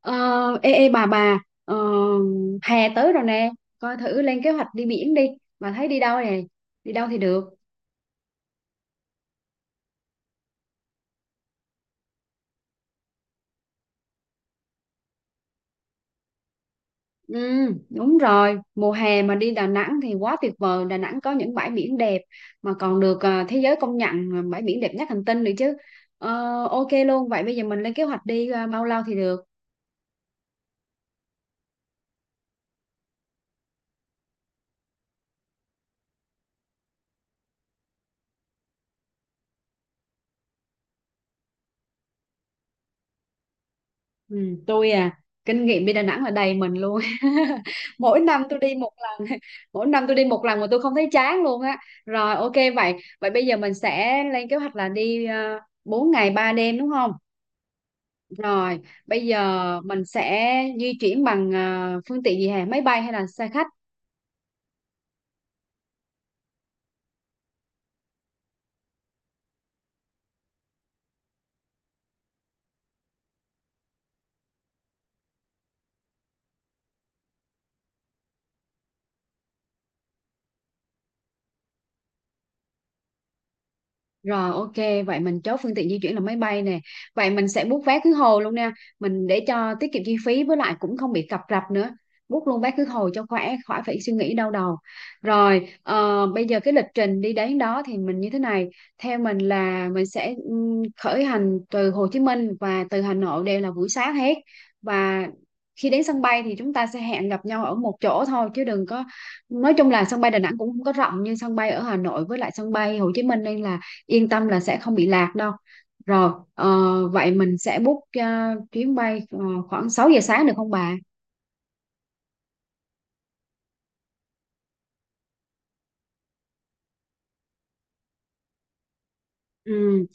Ờ, ê, bà ờ, hè tới rồi nè, coi thử lên kế hoạch đi biển đi. Bà thấy đi đâu nè? Đi đâu thì được? Ừ, đúng rồi, mùa hè mà đi Đà Nẵng thì quá tuyệt vời. Đà Nẵng có những bãi biển đẹp mà còn được thế giới công nhận bãi biển đẹp nhất hành tinh nữa chứ. Ok luôn, vậy bây giờ mình lên kế hoạch đi bao lâu thì được? Ừ, tôi kinh nghiệm đi Đà Nẵng là đầy mình luôn. Mỗi năm tôi đi một lần. Mỗi năm tôi đi một lần mà tôi không thấy chán luôn á. Rồi ok, vậy vậy bây giờ mình sẽ lên kế hoạch là đi 4 ngày 3 đêm đúng không? Rồi bây giờ mình sẽ di chuyển bằng phương tiện gì hả, máy bay hay là xe khách? Rồi ok, vậy mình chốt phương tiện di chuyển là máy bay nè. Vậy mình sẽ book vé khứ hồi luôn nha. Mình để cho tiết kiệm chi phí với lại cũng không bị cập rập nữa. Book luôn vé khứ hồi cho khỏe, khỏi phải suy nghĩ đau đầu. Rồi, bây giờ cái lịch trình đi đến đó thì mình như thế này. Theo mình là mình sẽ khởi hành từ Hồ Chí Minh và từ Hà Nội đều là buổi sáng hết. Và khi đến sân bay thì chúng ta sẽ hẹn gặp nhau ở một chỗ thôi chứ đừng có. Nói chung là sân bay Đà Nẵng cũng không có rộng như sân bay ở Hà Nội với lại sân bay Hồ Chí Minh, nên là yên tâm là sẽ không bị lạc đâu. Rồi vậy mình sẽ book chuyến bay khoảng 6 giờ sáng được không bà? Ừ,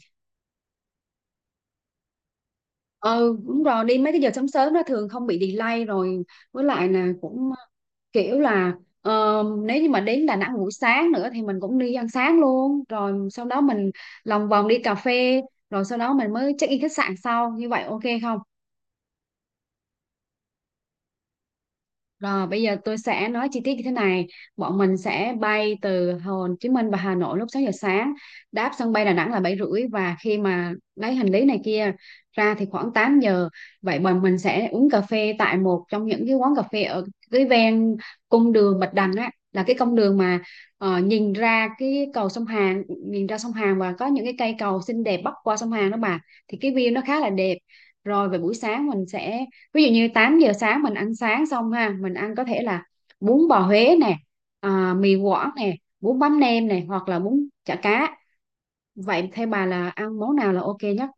ừ, đúng rồi, đi mấy cái giờ sớm sớm nó thường không bị delay rồi. Với lại là cũng kiểu là nếu như mà đến Đà Nẵng buổi sáng nữa thì mình cũng đi ăn sáng luôn, rồi sau đó mình lòng vòng đi cà phê, rồi sau đó mình mới check in khách sạn sau, như vậy ok không? Rồi bây giờ tôi sẽ nói chi tiết như thế này. Bọn mình sẽ bay từ Hồ Chí Minh và Hà Nội lúc 6 giờ sáng, đáp sân bay Đà Nẵng là 7h30, và khi mà lấy hành lý này kia ra thì khoảng 8 giờ. Vậy bọn mình sẽ uống cà phê tại một trong những cái quán cà phê ở cái ven cung đường Bạch Đằng á, là cái con đường mà nhìn ra cái cầu sông Hàn, nhìn ra sông Hàn và có những cái cây cầu xinh đẹp bắc qua sông Hàn đó bà. Thì cái view nó khá là đẹp. Rồi về buổi sáng mình sẽ, ví dụ như 8 giờ sáng mình ăn sáng xong ha, mình ăn có thể là bún bò Huế nè, mì Quảng nè, bún bánh nem nè hoặc là bún chả cá. Vậy theo bà là ăn món nào là ok nhất?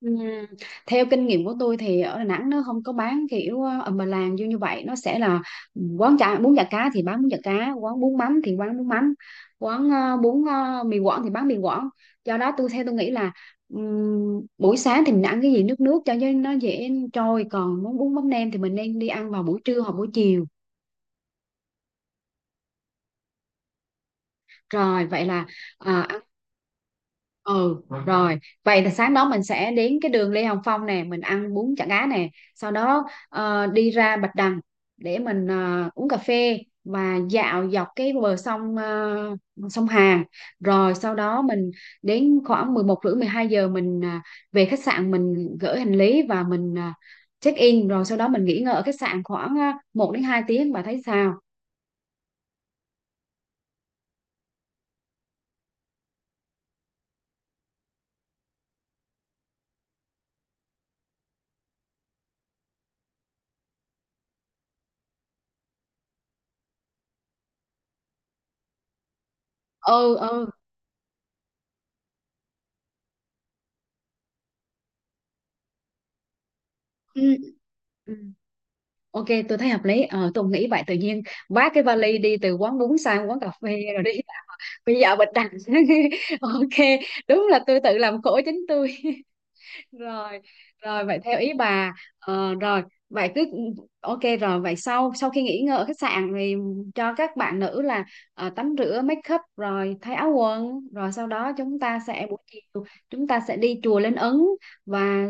Ừm, Theo kinh nghiệm của tôi thì ở Đà Nẵng nó không có bán kiểu ầm bà làng như như vậy, nó sẽ là quán chả bún chả cá thì bán bún chả cá, quán bún mắm thì quán bún mắm, quán bún mì Quảng thì bán mì Quảng. Do đó theo tôi nghĩ là buổi sáng thì mình ăn cái gì nước nước cho nó dễ trôi, còn muốn bún mắm nêm thì mình nên đi ăn vào buổi trưa hoặc buổi chiều. Rồi vậy là ờ, ăn sáng đó mình sẽ đến cái đường Lê Hồng Phong nè, mình ăn bún chả cá nè, sau đó đi ra Bạch Đằng để mình uống cà phê và dạo dọc cái bờ sông, sông Hàn. Rồi sau đó mình đến khoảng 11 rưỡi 12 giờ mình về khách sạn, mình gửi hành lý và mình check in, rồi sau đó mình nghỉ ngơi ở khách sạn khoảng 1 đến 2 tiếng. Bà thấy sao? Ừ, ừ. Ừ. Ừ. Ok, tôi thấy hợp lý. Ờ, tôi nghĩ vậy tự nhiên vác cái vali đi từ quán bún sang quán cà phê rồi đi bây giờ bịch đằng. Ok, đúng là tôi tự làm khổ chính tôi rồi. Rồi vậy theo ý bà. Rồi vậy cứ ok, rồi vậy sau sau khi nghỉ ngơi ở khách sạn thì cho các bạn nữ là tắm rửa make up rồi thay áo quần, rồi sau đó chúng ta sẽ, buổi chiều chúng ta sẽ đi chùa Linh Ứng. Và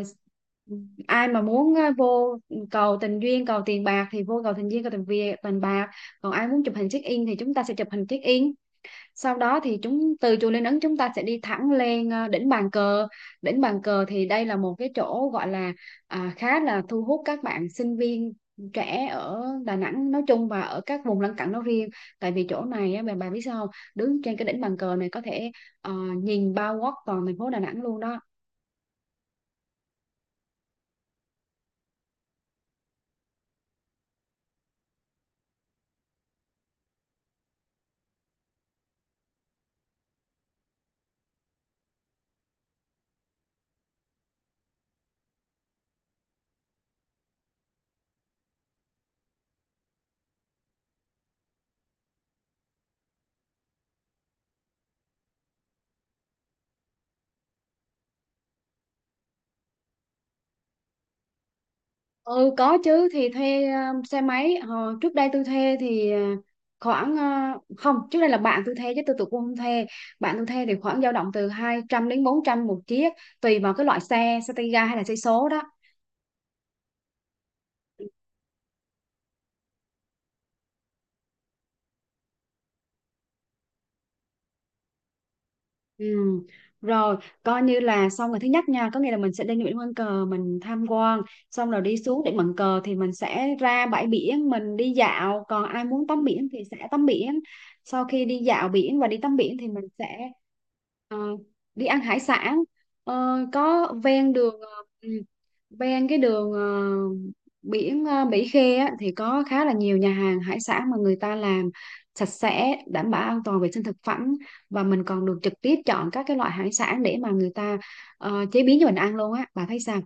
ai mà muốn vô cầu tình duyên cầu tiền bạc thì vô cầu tình duyên cầu tình việc tiền bạc, còn ai muốn chụp hình check in thì chúng ta sẽ chụp hình check in. Sau đó thì chúng, từ chùa Linh Ứng chúng ta sẽ đi thẳng lên đỉnh Bàn Cờ. Đỉnh Bàn Cờ thì đây là một cái chỗ gọi là khá là thu hút các bạn sinh viên trẻ ở Đà Nẵng nói chung và ở các vùng lân cận nói riêng. Tại vì chỗ này á, bà biết sao không? Đứng trên cái đỉnh Bàn Cờ này có thể ờ, nhìn bao quát toàn thành phố Đà Nẵng luôn đó. Ừ có chứ, thì thuê xe máy. Hồi trước đây tôi thuê thì khoảng, không, trước đây là bạn tôi thuê chứ tôi cũng không thuê. Bạn tôi thuê thì khoảng dao động từ 200 đến 400 một chiếc, tùy vào cái loại xe, xe tay ga hay là xe số đó. Ừm, Rồi, coi như là xong rồi thứ nhất nha, có nghĩa là mình sẽ lên Nguyễn Văn Cờ mình tham quan, xong rồi đi xuống Điện Bàn Cờ thì mình sẽ ra bãi biển, mình đi dạo, còn ai muốn tắm biển thì sẽ tắm biển. Sau khi đi dạo biển và đi tắm biển thì mình sẽ ờ, đi ăn hải sản. Có ven đường ừm, ven cái đường biển, Mỹ Khê á, thì có khá là nhiều nhà hàng hải sản mà người ta làm sạch sẽ, đảm bảo an toàn vệ sinh thực phẩm, và mình còn được trực tiếp chọn các cái loại hải sản để mà người ta chế biến cho mình ăn luôn á. Bà thấy sao?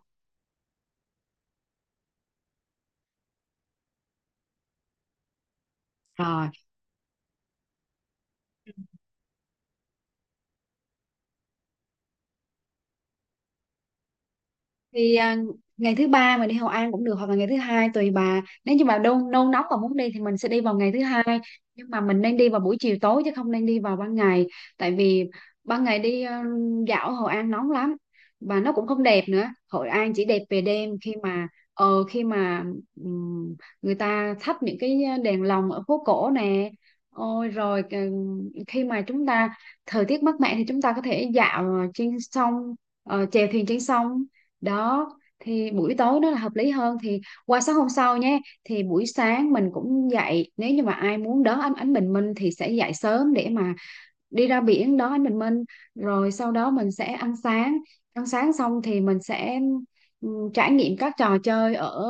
Rồi thì ngày thứ ba mình đi Hội An cũng được hoặc là ngày thứ hai tùy bà. Nếu như bà đông nôn nóng và muốn đi thì mình sẽ đi vào ngày thứ hai, nhưng mà mình nên đi vào buổi chiều tối chứ không nên đi vào ban ngày. Tại vì ban ngày đi dạo Hội An nóng lắm và nó cũng không đẹp nữa. Hội An chỉ đẹp về đêm, khi mà ờ khi mà ừm, người ta thắp những cái đèn lồng ở phố cổ nè. Ôi rồi khi mà chúng ta, thời tiết mát mẻ thì chúng ta có thể dạo trên sông, chèo thuyền trên sông đó. Thì buổi tối nó là hợp lý hơn. Thì qua sáng hôm sau nhé, thì buổi sáng mình cũng dậy, nếu như mà ai muốn đón ánh ánh bình minh thì sẽ dậy sớm để mà đi ra biển đón ánh bình minh. Rồi sau đó mình sẽ ăn sáng. Ăn sáng xong thì mình sẽ ừ, trải nghiệm các trò chơi ở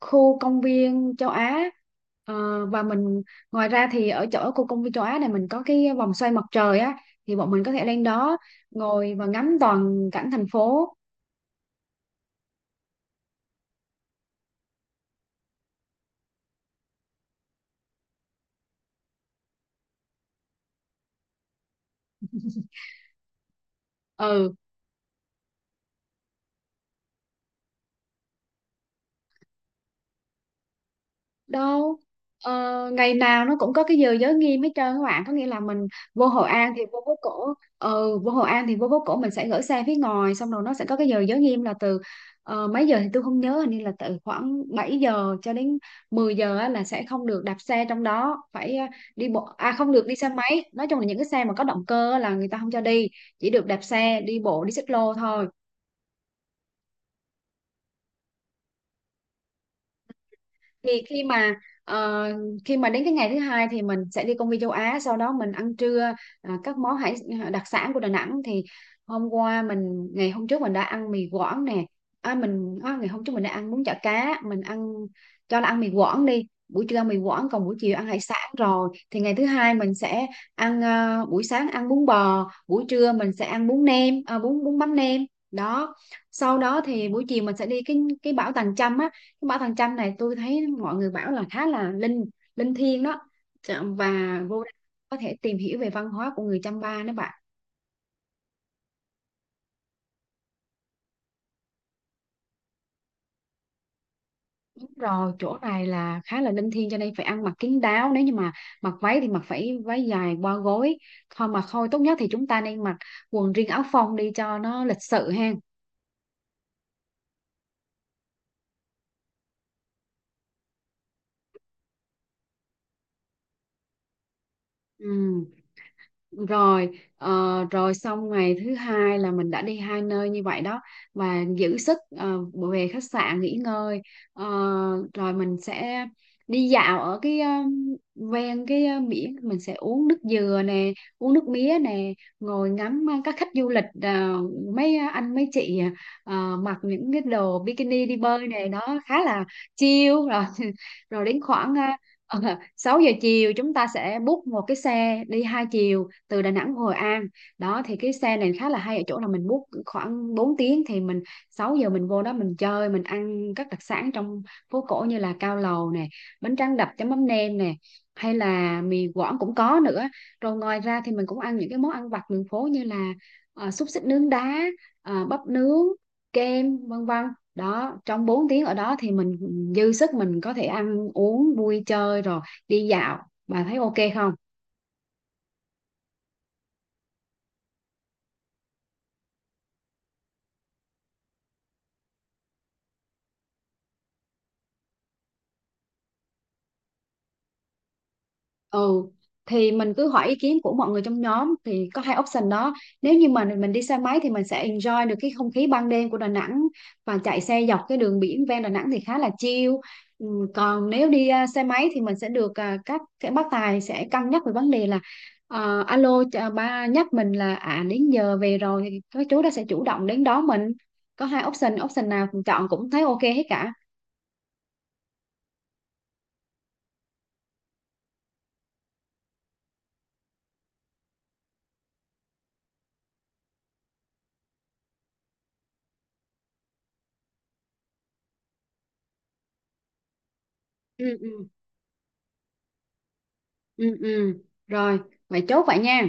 khu công viên châu Á. Và mình, ngoài ra thì ở chỗ khu công viên châu Á này mình có cái vòng xoay mặt trời á, thì bọn mình có thể lên đó ngồi và ngắm toàn cảnh thành phố. Ừ đâu, ờ, ngày nào nó cũng có cái giờ giới nghiêm hết trơn các bạn, có nghĩa là mình vô Hội An thì vô phố cổ. Vô Hội An thì vô phố cổ, mình sẽ gửi xe phía ngoài, xong rồi nó sẽ có cái giờ giới nghiêm là từ mấy giờ thì tôi không nhớ, hình như là từ khoảng 7 giờ cho đến 10 giờ á, là sẽ không được đạp xe trong đó, phải đi bộ, à không, được đi xe máy, nói chung là những cái xe mà có động cơ á là người ta không cho đi, chỉ được đạp xe đi bộ đi xích lô thôi. Thì khi mà ờ, đến cái ngày thứ hai thì mình sẽ đi công viên châu Á, sau đó mình ăn trưa các món hải, đặc sản của Đà Nẵng thì hôm qua mình, ngày hôm trước mình đã ăn mì Quảng nè, mình, ngày hôm trước mình đã ăn bún chả cá, mình ăn, cho là ăn mì Quảng đi, buổi trưa ăn mì Quảng còn buổi chiều ăn hải sản rồi, thì ngày thứ hai mình sẽ ăn buổi sáng ăn bún bò, buổi trưa mình sẽ ăn bún nem, bún bún mắm nem đó. Sau đó thì buổi chiều mình sẽ đi cái bảo Tàng Chăm á. Cái ba thằng chanh này tôi thấy mọi người bảo là khá là linh linh thiêng đó. Và vô đây có thể tìm hiểu về văn hóa của người Chăm Ba nữa bạn. Đúng rồi, chỗ này là khá là linh thiêng cho nên phải ăn mặc kín đáo, nếu như mà mặc váy thì mặc phải váy dài qua gối thôi. Mà thôi, tốt nhất thì chúng ta nên mặc quần riêng áo phông đi cho nó lịch sự ha. Ừ. Rồi ờ, rồi xong ngày thứ hai là mình đã đi hai nơi như vậy đó, và giữ sức về khách sạn nghỉ ngơi. Ờ, Rồi mình sẽ đi dạo ở cái ven cái biển, mình sẽ uống nước dừa nè, uống nước mía nè, ngồi ngắm các khách du lịch, mấy anh mấy chị mặc những cái đồ bikini đi bơi này đó, khá là chill rồi. Rồi đến khoảng ờ, 6 giờ chiều chúng ta sẽ book một cái xe đi hai chiều từ Đà Nẵng Hội An đó. Thì cái xe này khá là hay ở chỗ là mình book khoảng 4 tiếng, thì mình 6 giờ mình vô đó mình chơi, mình ăn các đặc sản trong phố cổ như là cao lầu nè, bánh tráng đập chấm mắm nêm nè, hay là mì Quảng cũng có nữa. Rồi ngoài ra thì mình cũng ăn những cái món ăn vặt đường phố như là xúc xích nướng đá, bắp nướng, kem, vân vân đó. Trong 4 tiếng ở đó thì mình dư sức, mình có thể ăn uống vui chơi rồi đi dạo. Bà thấy ok không? Ừ, thì mình cứ hỏi ý kiến của mọi người trong nhóm thì có hai option đó. Nếu như mà mình đi xe máy thì mình sẽ enjoy được cái không khí ban đêm của Đà Nẵng và chạy xe dọc cái đường biển ven Đà Nẵng thì khá là chill. Ừ, còn nếu đi xe máy thì mình sẽ được, các bác tài sẽ cân nhắc về vấn đề là alo chà, ba nhắc mình là đến giờ về rồi thì các chú đó sẽ chủ động đến đón mình. Có hai option option nào mình chọn cũng thấy ok hết cả. Ừ, ừ. Ừ, ừ. Rồi vậy chốt vậy nha.